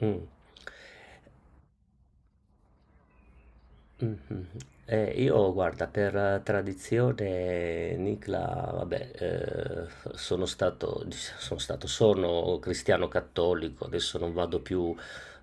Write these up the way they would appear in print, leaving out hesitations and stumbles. Mh, mh-mh. Io guarda, per tradizione Nicla, vabbè, sono stato dic sono stato sono cristiano cattolico, adesso non vado più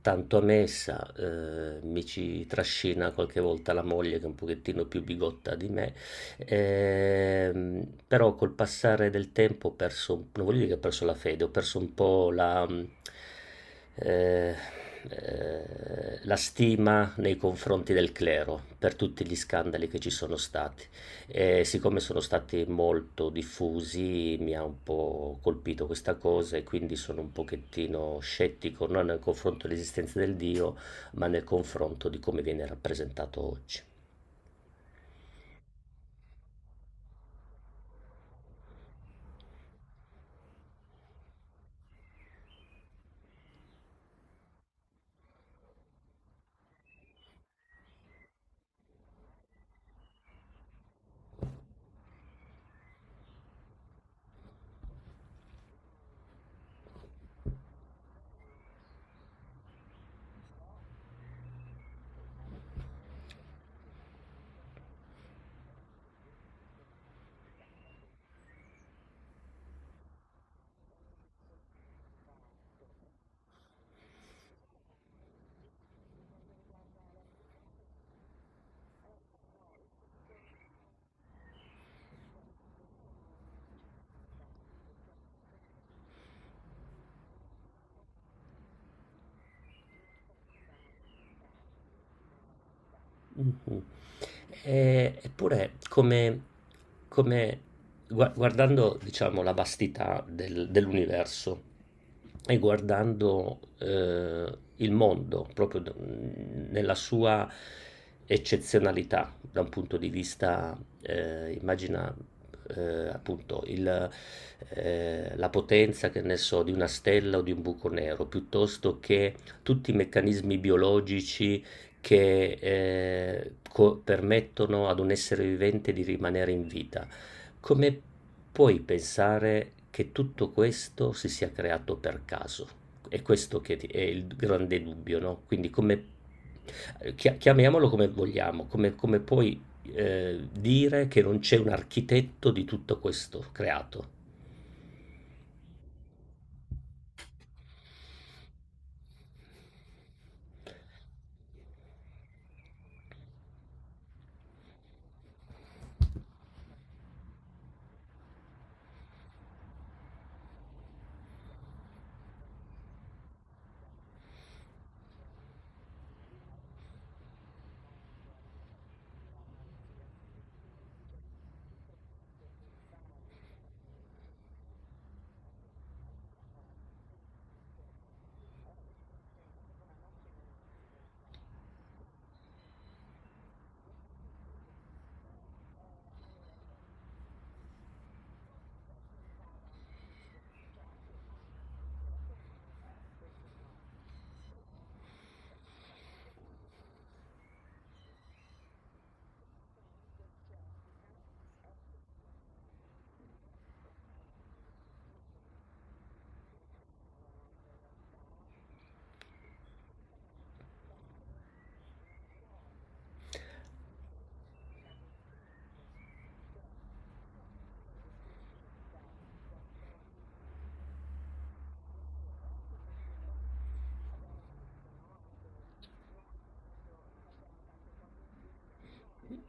tanto a messa. Mi ci trascina qualche volta la moglie, che è un pochettino più bigotta di me. Però col passare del tempo ho perso, non voglio dire che ho perso la fede, ho perso un po' eh, la stima nei confronti del clero, per tutti gli scandali che ci sono stati. E siccome sono stati molto diffusi, mi ha un po' colpito questa cosa, e quindi sono un pochettino scettico, non nel confronto dell'esistenza del Dio, ma nel confronto di come viene rappresentato oggi. Mh-mh. Eppure come come guardando, diciamo, la vastità del dell'universo e guardando, il mondo proprio nella sua eccezionalità da un punto di vista, immagina, appunto il la potenza, che ne so, di una stella o di un buco nero, piuttosto che tutti i meccanismi biologici che, co permettono ad un essere vivente di rimanere in vita. Come puoi pensare che tutto questo si sia creato per caso? È questo è il grande dubbio, no? Quindi come, chiamiamolo come vogliamo, come puoi dire che non c'è un architetto di tutto questo creato?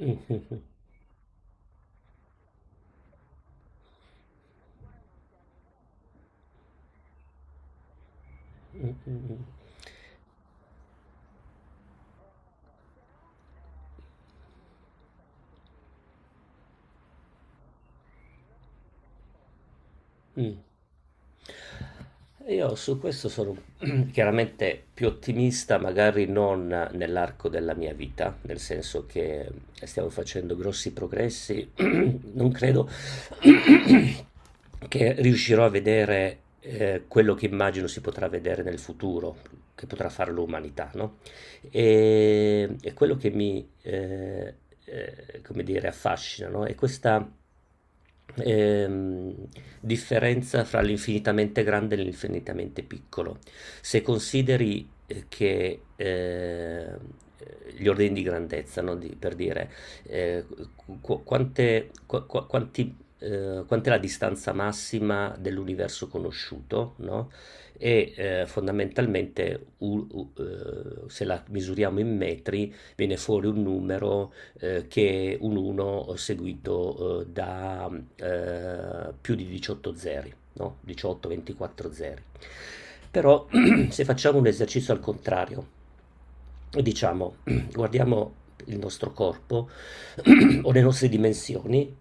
Mm, mm, mm, mm. Mm. Io su questo sono chiaramente più ottimista, magari non nell'arco della mia vita, nel senso che stiamo facendo grossi progressi. Non credo che riuscirò a vedere quello che immagino si potrà vedere nel futuro, che potrà fare l'umanità, no? E quello che mi, come dire, affascina, no? È questa ehm, differenza fra l'infinitamente grande e l'infinitamente piccolo. Se consideri che gli ordini di grandezza, no? Per dire eh, qu- quante, qu- qu- quanti, quant'è la distanza massima dell'universo conosciuto, no? E fondamentalmente, se la misuriamo in metri viene fuori un numero che è un 1 seguito da più di 18 zeri, no? 18-24 zeri. Però se facciamo un esercizio al contrario, diciamo, guardiamo il nostro corpo o le nostre dimensioni.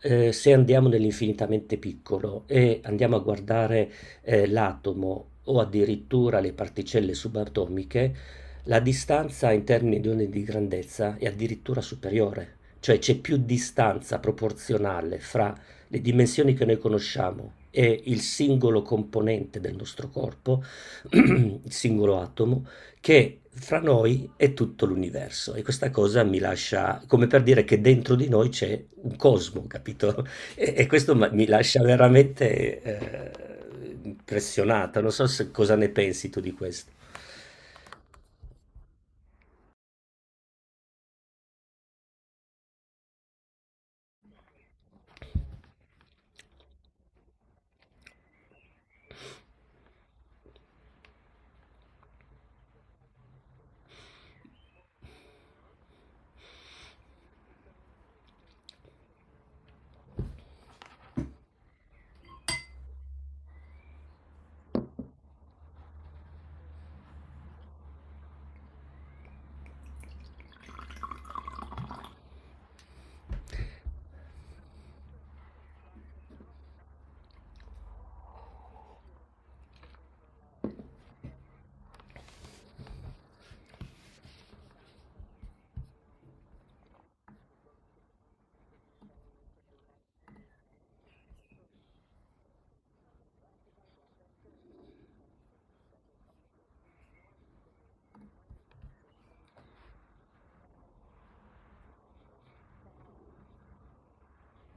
Se andiamo nell'infinitamente piccolo e andiamo a guardare l'atomo, o addirittura le particelle subatomiche, la distanza in termini di onde di grandezza è addirittura superiore. Cioè c'è più distanza proporzionale fra le dimensioni che noi conosciamo e il singolo componente del nostro corpo, il singolo atomo, che fra noi è tutto l'universo. E questa cosa mi lascia, come per dire che dentro di noi c'è un cosmo, capito? E questo mi lascia veramente impressionata, non so cosa ne pensi tu di questo.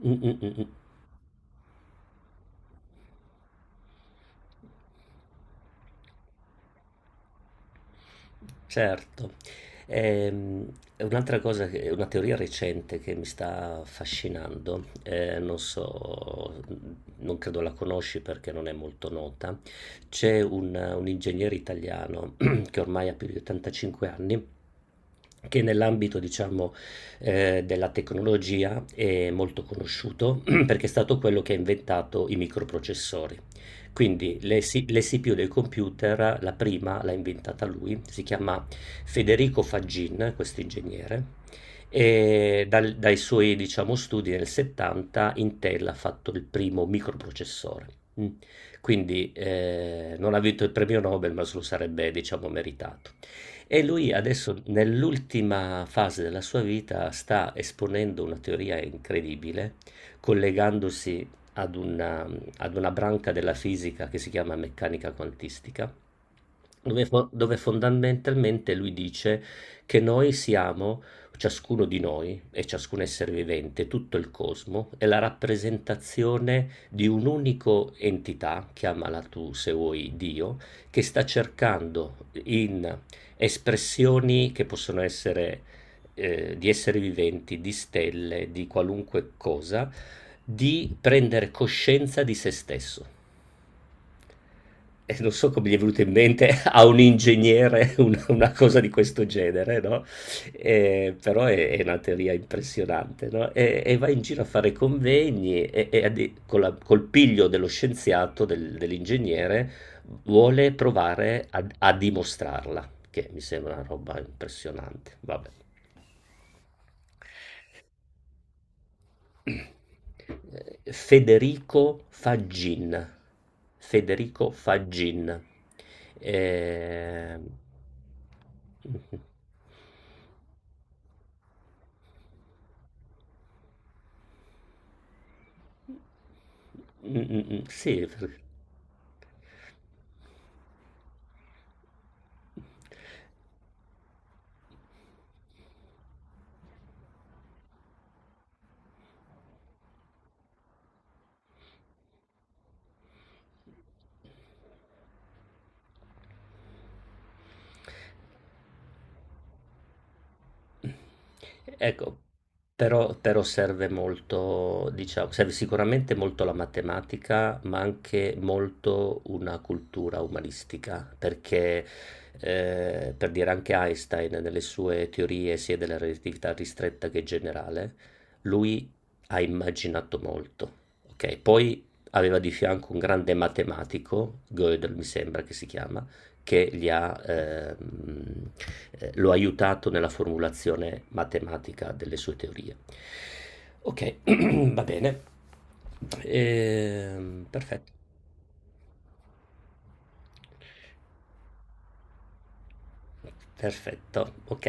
Mm, mm, mm, mm. Certo. Ehm, è un'altra cosa, è una teoria recente che mi sta affascinando, non so, non credo la conosci perché non è molto nota. C'è un ingegnere italiano che ormai ha più di 85 anni, che nell'ambito, diciamo, della tecnologia è molto conosciuto perché è stato quello che ha inventato i microprocessori. Quindi le CPU dei computer, la prima l'ha inventata lui. Si chiama Federico Faggin, questo ingegnere, e dai suoi, diciamo, studi nel 70 Intel ha fatto il primo microprocessore. Mm. Quindi non ha vinto il premio Nobel, ma se lo sarebbe, diciamo, meritato. E lui adesso, nell'ultima fase della sua vita, sta esponendo una teoria incredibile, collegandosi ad una, ad una branca della fisica che si chiama meccanica quantistica, dove, dove fondamentalmente lui dice che noi siamo, ciascuno di noi e ciascun essere vivente, tutto il cosmo, è la rappresentazione di un'unica entità, chiamala tu, se vuoi, Dio, che sta cercando, in espressioni che possono essere di esseri viventi, di stelle, di qualunque cosa, di prendere coscienza di se stesso. Non so come gli è venuto in mente a un ingegnere una cosa di questo genere, no? Però è una teoria impressionante, no, e va in giro a fare convegni e addi con la col piglio dello scienziato, dell'ingegnere, vuole provare ad a dimostrarla, che mi sembra una roba impressionante, vabbè. Federico Faggin. Federico Faggin. Ehm, Mh-mh. Mh-mh-mh, sì, f Ecco, però serve molto, diciamo, serve sicuramente molto la matematica, ma anche molto una cultura umanistica, perché per dire, anche Einstein nelle sue teorie, sia della relatività ristretta che generale, lui ha immaginato molto, ok? Poi aveva di fianco un grande matematico, Gödel mi sembra che si chiama, che gli ha, lo ha aiutato nella formulazione matematica delle sue teorie. Ok, va bene. Perfetto, perfetto, ok.